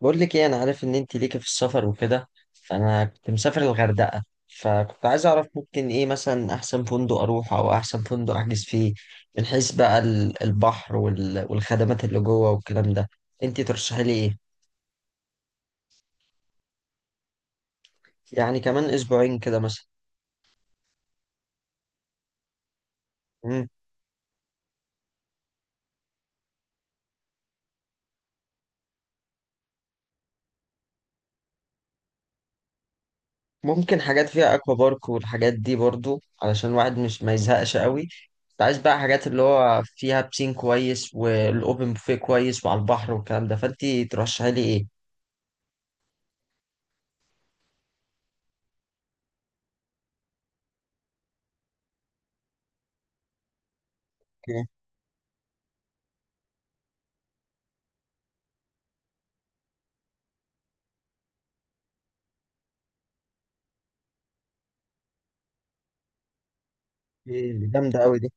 بقول لك ايه، انا عارف ان انت ليكي في السفر وكده، فانا كنت مسافر الغردقه، فكنت عايز اعرف ممكن ايه مثلا احسن فندق اروح او احسن فندق احجز فيه من حيث بقى البحر والخدمات اللي جوه والكلام ده. انت ترشحي لي ايه؟ يعني كمان اسبوعين كده مثلا. مم. ممكن حاجات فيها اكوا بارك والحاجات دي برضو علشان الواحد مش ما يزهقش قوي. كنت عايز بقى حاجات اللي هو فيها بسين كويس والاوبن بوفيه كويس وعلى البحر والكلام ده، فانت ترشحي لي ايه؟ اوكي. إيه، جامدة أوي دي.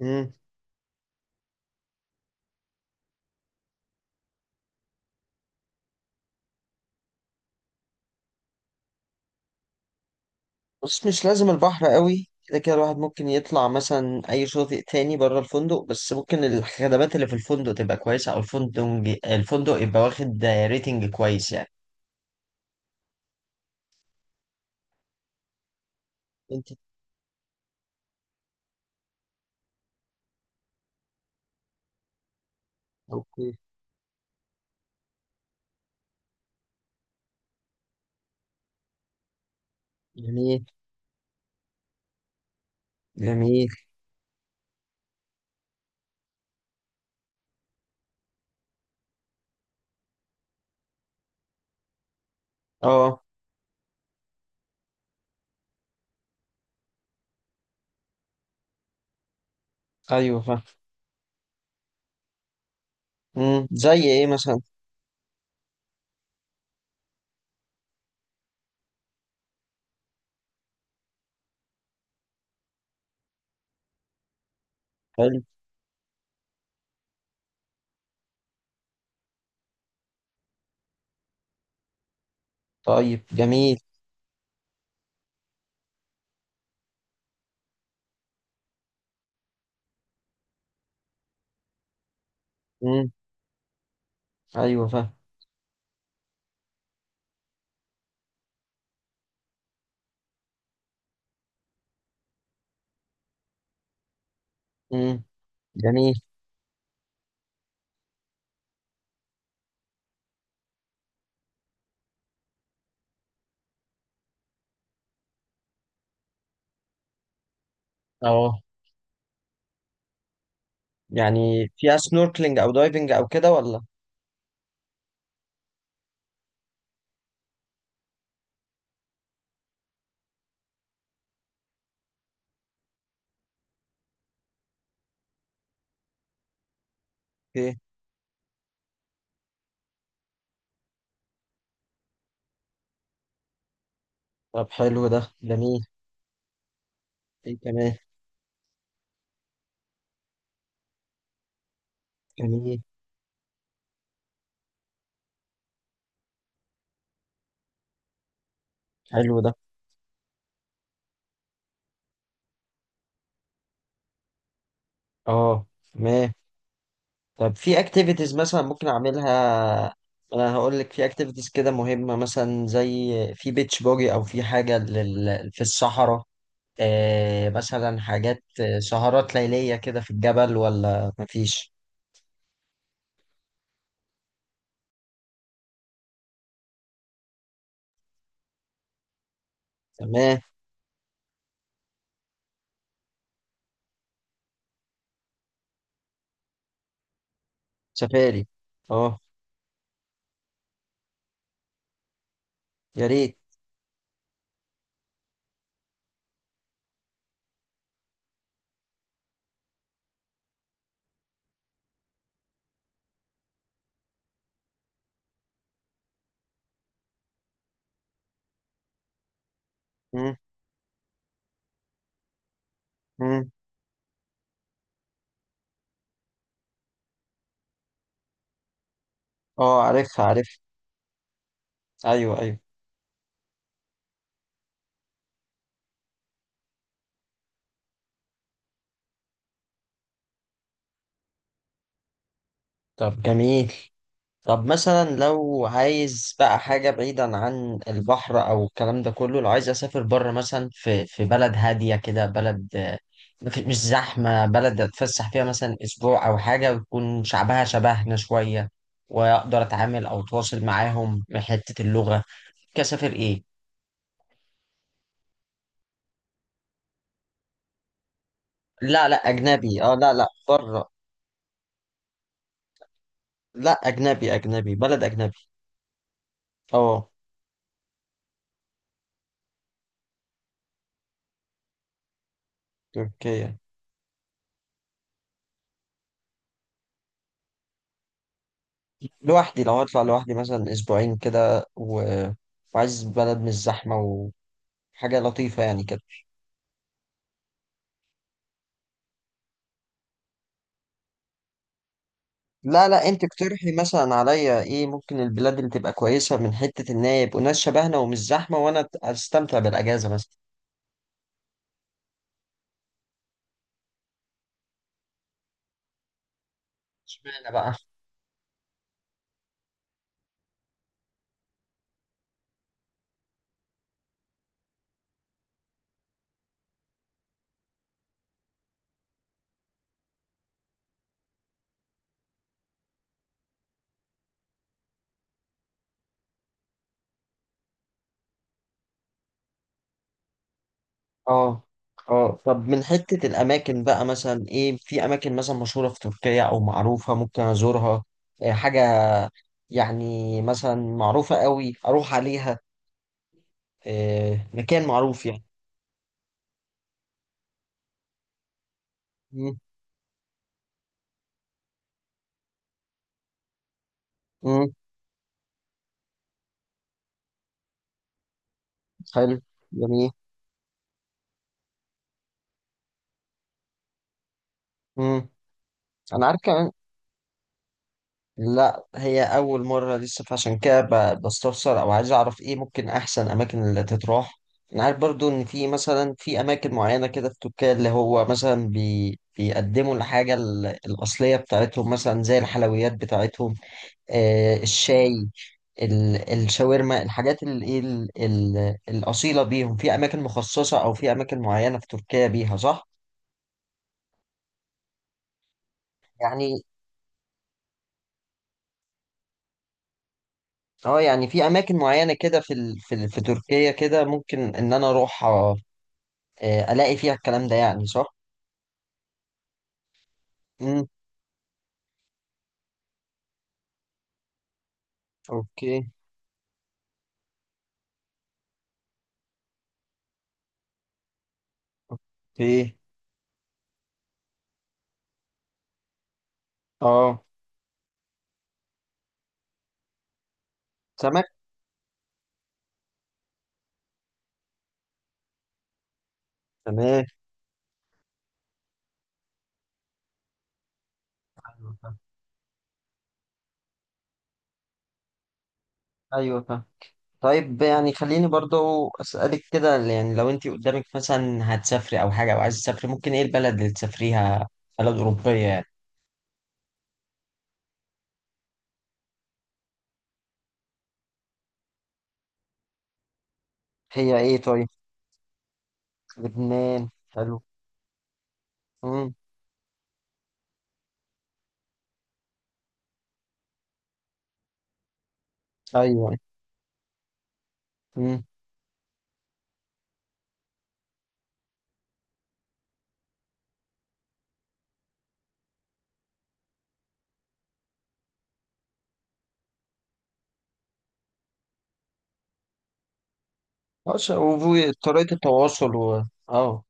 مم. بص، مش لازم البحر قوي، كده كده الواحد ممكن يطلع مثلا اي شاطئ تاني بره الفندق، بس ممكن الخدمات اللي في الفندق تبقى كويسه، او الفندق يبقى واخد ريتنج كويس يعني. انت. اوكي. جميل. جميل. اه، ايوه فاهم. مم. زي ايه مثلا؟ حلو. طيب جميل. مم. ايوه فاهم. مم. جميل. اه يعني فيها سنوركلينج او دايفنج او كده ولا ايه طب حلو ده جميل ايه كمان جميل حلو ده اه. ما. طب في اكتيفيتيز مثلا ممكن اعملها؟ انا هقول لك في اكتيفيتيز كده مهمة، مثلا زي في بيتش بوجي او في حاجة في الصحراء. مثلا حاجات سهرات ليلية كده في الجبل ولا مفيش؟ تمام. سفاري. اه. يا ريت. مم. مم. اه، عارفها عارفها. ايوه ايوه. طب جميل. طب مثلا لو عايز بقى حاجة بعيدا عن البحر أو الكلام ده كله، لو عايز أسافر بره مثلا، في بلد هادية كده، بلد، مش زحمة، بلد أتفسح فيها مثلا أسبوع أو حاجة، ويكون شعبها شبهنا شوية، وأقدر أتعامل أو أتواصل معاهم من حتة اللغة. كسافر إيه؟ لا لا، أجنبي. أه. لا لا، بره. لا، أجنبي أجنبي، بلد أجنبي. أه. تركيا. لوحدي، لو هطلع لوحدي مثلا اسبوعين كده وعايز بلد مش زحمه وحاجه لطيفه يعني كده. لا لا، انت اقترحي مثلا عليا ايه ممكن البلاد اللي تبقى كويسه، من حته ان هي يبقوا ناس شبهنا ومش زحمه، وانا استمتع بالاجازه مثلا. اشمعنى بقى؟ اه. اه، طب من حته الاماكن بقى مثلا ايه؟ في اماكن مثلا مشهوره في تركيا او معروفه ممكن ازورها؟ إيه حاجه يعني مثلا معروفه قوي اروح عليها؟ إيه مكان معروف يعني؟ امم حلو. جميل. امم انا عارف كمان. لا، هي اول مره لسه، فعشان كده بستفسر او عايز اعرف ايه ممكن احسن اماكن اللي تتراح. انا عارف برضو ان في مثلا، في اماكن معينه كده في تركيا، اللي هو مثلا بيقدموا الحاجه الاصليه بتاعتهم مثلا زي الحلويات بتاعتهم. آه، الشاي، الشاورما، الحاجات الاصيله بيهم، في اماكن مخصصه او في اماكن معينه في تركيا بيها، صح؟ يعني اه، يعني في اماكن معينه كده في في تركيا كده ممكن ان انا اروح، الاقي فيها الكلام ده يعني، صح؟ امم اوكي. اوكي. اه. سمك. تمام. ايوه فاهم. أيوة فاهم. طيب، يعني خليني برضو اسالك كده، يعني لو انت قدامك مثلا هتسافري او حاجه او عايز تسافري، ممكن ايه البلد اللي تسافريها؟ بلد اوروبيه يعني. هي ايه طيب؟ لبنان حلو. امم ايوه. امم طريقه التواصل و... اه.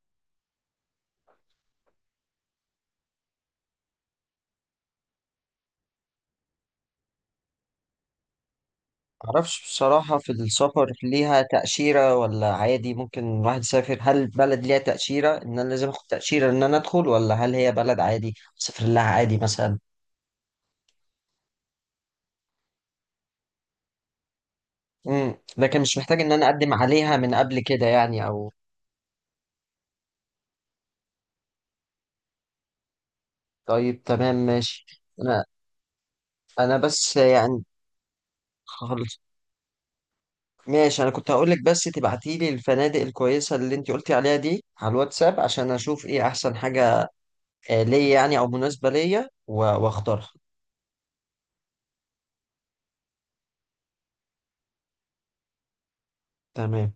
معرفش بصراحة، في السفر ليها تأشيرة ولا عادي ممكن الواحد يسافر؟ هل بلد ليها تأشيرة إن أنا لازم أخد تأشيرة إن أنا أدخل، ولا هل هي بلد عادي أسافر لها عادي مثلا؟ لكن مش محتاج إن أنا أقدم عليها من قبل كده يعني أو... طيب تمام، ماشي. أنا. أنا بس يعني. خالص. ماشي، أنا كنت هقولك بس تبعتيلي الفنادق الكويسة اللي أنت قلتي عليها دي على الواتساب، عشان أشوف إيه أحسن حاجة ليا يعني، أو مناسبة ليا، وأختارها. تمام.